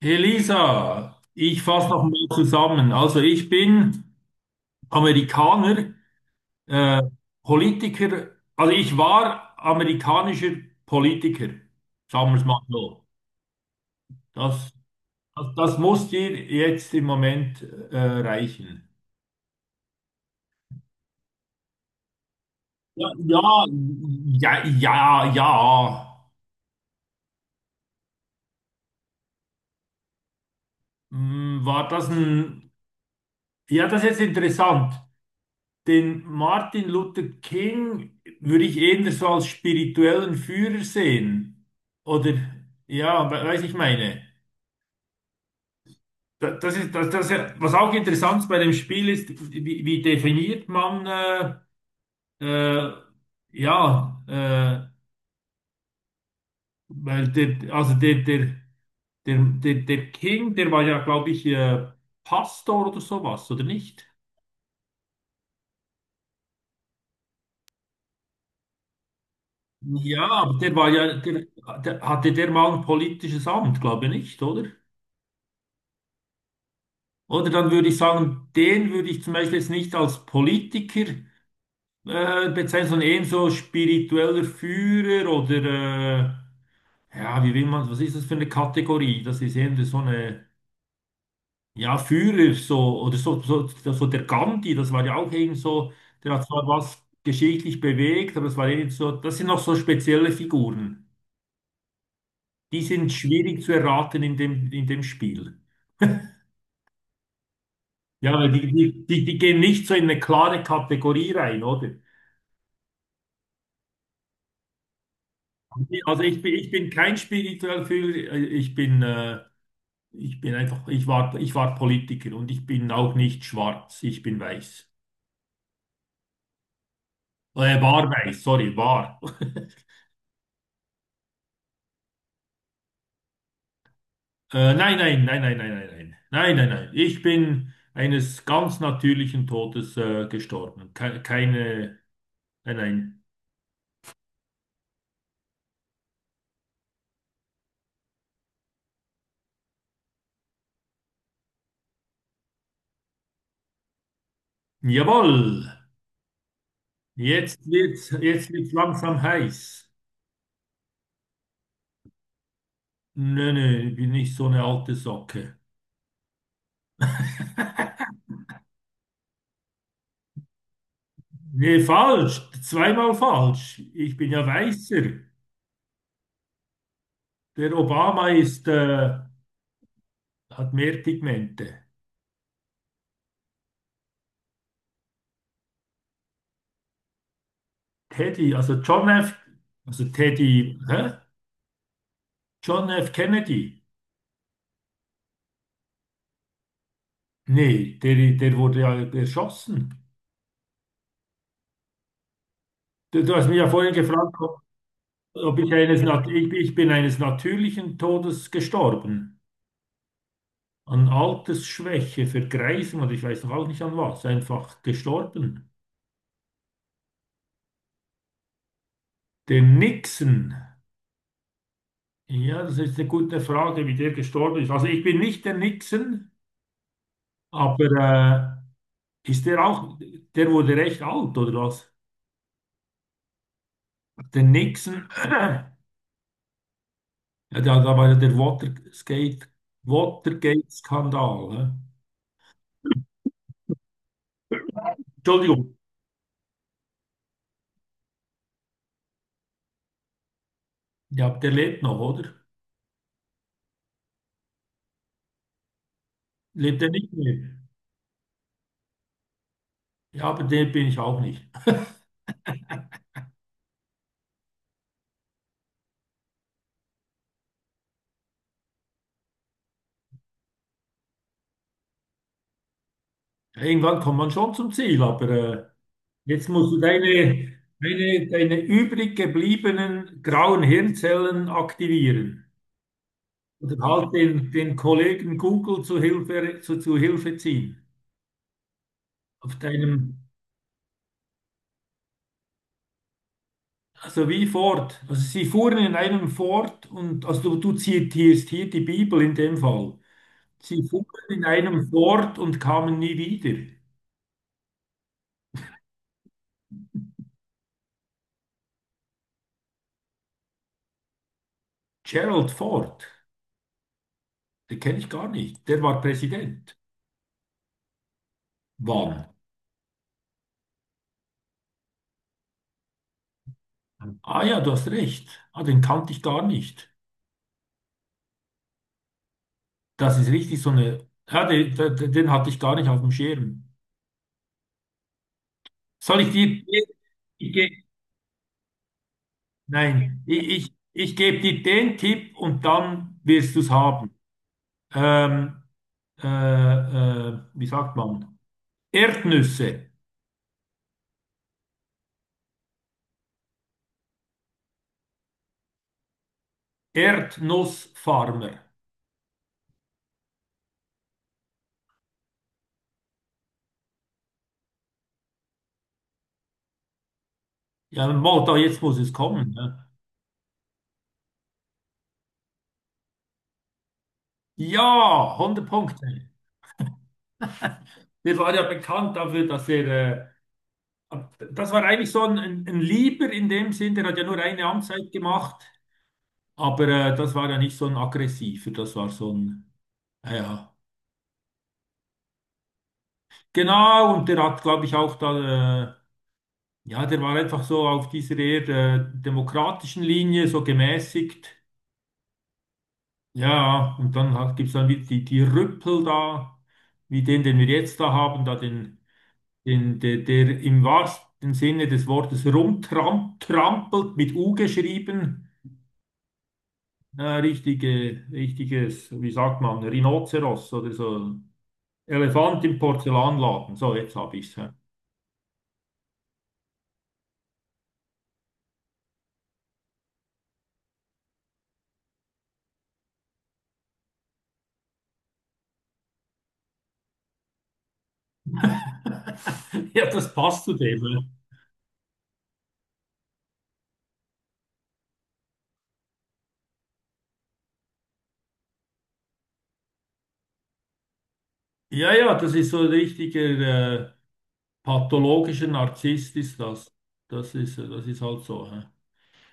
Elisa, ich fasse noch mal zusammen. Also ich bin Amerikaner, äh, Politiker, also ich war amerikanischer Politiker, sagen wir es mal so. Das, das muss dir jetzt im Moment reichen. Ja, ja, ja, ja, ja. Hm, war das ein... Ja, das ist jetzt interessant. Den Martin Luther King würde ich eher so als spirituellen Führer sehen. Oder, ja, weiß ich meine. Das ist, das, was auch interessant bei dem Spiel ist, wie definiert man, äh, ja, äh, weil der, also der, der, der, der, der King, der war ja, glaube ich, Pastor oder sowas, oder nicht? Ja, aber der war ja, der hatte der mal ein politisches Amt, glaube ich nicht, oder? Oder dann würde ich sagen, den würde ich zum Beispiel jetzt nicht als Politiker bezeichnen, sondern eher so spiritueller Führer oder ja, wie will man, was ist das für eine Kategorie? Das ist eben so eine, ja, Führer, so, oder so der Gandhi, das war ja auch eben so, der hat zwar was geschichtlich bewegt, aber das war eben so, das sind noch so spezielle Figuren. Die sind schwierig zu erraten in dem Spiel. Ja, weil die gehen nicht so in eine klare Kategorie rein, oder? Nee, also ich bin kein spiritueller Führer, ich bin einfach, ich war Politiker und ich bin auch nicht schwarz, ich bin weiß. War weiß, sorry, war. Nein, nein, nein, nein, nein, nein, nein, nein, nein, nein. Ich bin eines ganz natürlichen Todes gestorben. Ke Keine, nein, nein. Jawohl, jetzt wird's langsam heiß. Nö, nö, ich bin nicht so eine alte Socke. Nee, falsch. Zweimal falsch. Ich bin ja weißer. Der Obama ist, hat mehr Pigmente. Teddy, also John F., also Teddy, hä? John F. Kennedy. Nee, der wurde ja erschossen. Du hast mich ja vorhin gefragt, ob ich eines, ich bin eines natürlichen Todes gestorben. An Altersschwäche, Vergreisung und ich weiß noch auch nicht an was. Einfach gestorben. Der Nixon. Ja, das ist eine gute Frage, wie der gestorben ist. Also ich bin nicht der Nixon, aber ist der auch, der wurde recht alt, oder was? Der Nixon, ja, da war ja der Watergate, Watergate-Skandal. Hä? Entschuldigung, ja, der lebt noch, oder? Lebt er nicht mehr? Ja, aber der bin ich auch nicht. Irgendwann kommt man schon zum Ziel, aber jetzt musst du deine übrig gebliebenen grauen Hirnzellen aktivieren. Oder halt den Kollegen Google zu Hilfe, zu Hilfe ziehen. Auf deinem, also wie Ford. Also sie fuhren in einem Ford und, also du zitierst hier die Bibel in dem Fall. Sie fuhren in einem Ford und kamen nie wieder. Gerald Ford, den kenne ich gar nicht. Der war Präsident. Wann? Ah ja, du hast recht. Ah, den kannte ich gar nicht. Das ist richtig so eine. Ja, den den hatte ich gar nicht auf dem Schirm. Soll ich dir, ich, nein, ich gebe dir den Tipp und dann wirst du es haben. Ähm, wie sagt man? Erdnüsse. Erdnussfarmer. Ja, mo, da jetzt muss es kommen. Ne? Ja, 100 Punkte. Der war ja bekannt dafür, dass er. Äh, das war eigentlich so ein, ein Lieber in dem Sinn, der hat ja nur eine Amtszeit gemacht. Aber das war ja nicht so ein aggressiver, das war so ein. Ja, ja. Genau, und der hat, glaube ich, auch da. Ja, der war einfach so auf dieser eher demokratischen Linie, so gemäßigt. Ja, und dann hat, gibt's dann wieder die Rüppel da, wie den, den wir jetzt da haben, da den, den der im wahrsten Sinne des Wortes rumtrampelt, mit U geschrieben. Richtige, richtiges, wie sagt man, Rhinoceros oder so. Elefant im Porzellanladen. So, jetzt hab ich's. Ja, ja, das passt zu dem. Ja, ja, das ist so ein richtiger. Pathologischer Narzisst ist das. Das ist halt so. Hä?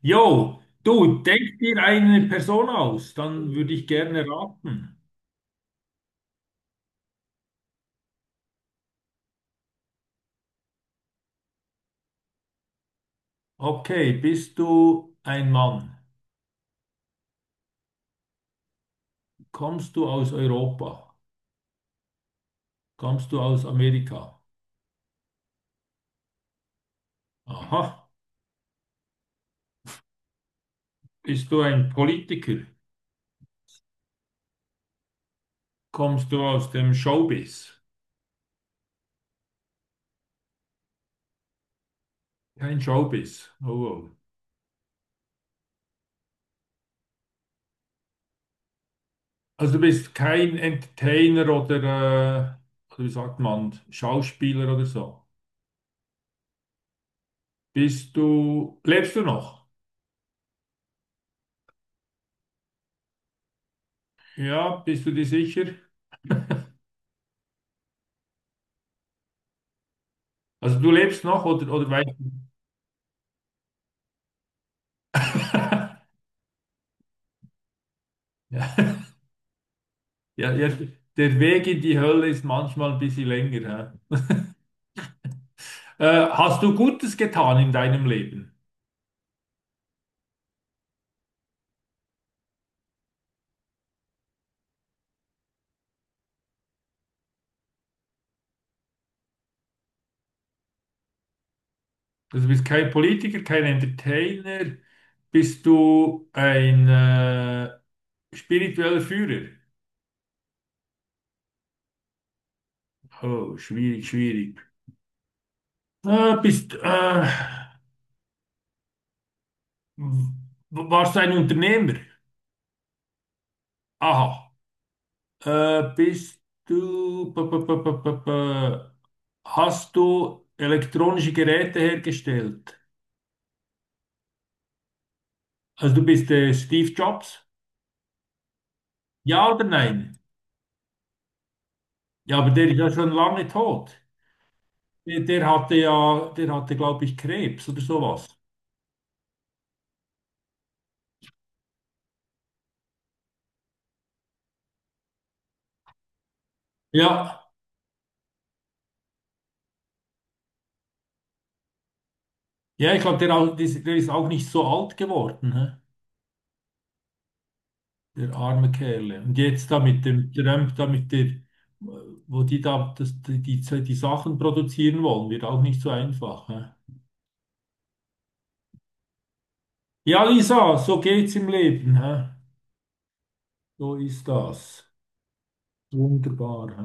Jo, du, denk dir eine Person aus, dann würde ich gerne raten. Okay, bist du ein Mann? Kommst du aus Europa? Kommst du aus Amerika? Aha. Bist du ein Politiker? Kommst du aus dem Showbiz? Kein Showbiz. Oh, oh. Also du bist kein Entertainer äh, oder wie sagt man, Schauspieler oder so. Bist du, lebst du noch? Ja, bist du dir sicher? Also du lebst noch oder weißt ja, ja, ja, der Weg in die Hölle ist manchmal ein bisschen länger. Hä? Hast du Gutes getan in deinem Leben? Also du bist kein Politiker, kein Entertainer, bist du ein spiritueller Führer? Oh, schwierig, schwierig. Bist, warst du ein Unternehmer? Aha. Bist du, hast du elektronische Geräte hergestellt? Also du bist Steve Jobs? Ja oder nein? Ja, aber der ist ja schon lange tot. Der hatte ja, der hatte, glaube ich, Krebs oder sowas. Ja, ja, ich glaube, der ist auch nicht so alt geworden, hä? Der arme Kerle. Und jetzt da mit dem Trump, da mit der, wo die da das, die Sachen produzieren wollen, wird auch nicht so einfach, hä? Ja, Lisa, so geht's im Leben. Hä? So ist das. Wunderbar. Hä?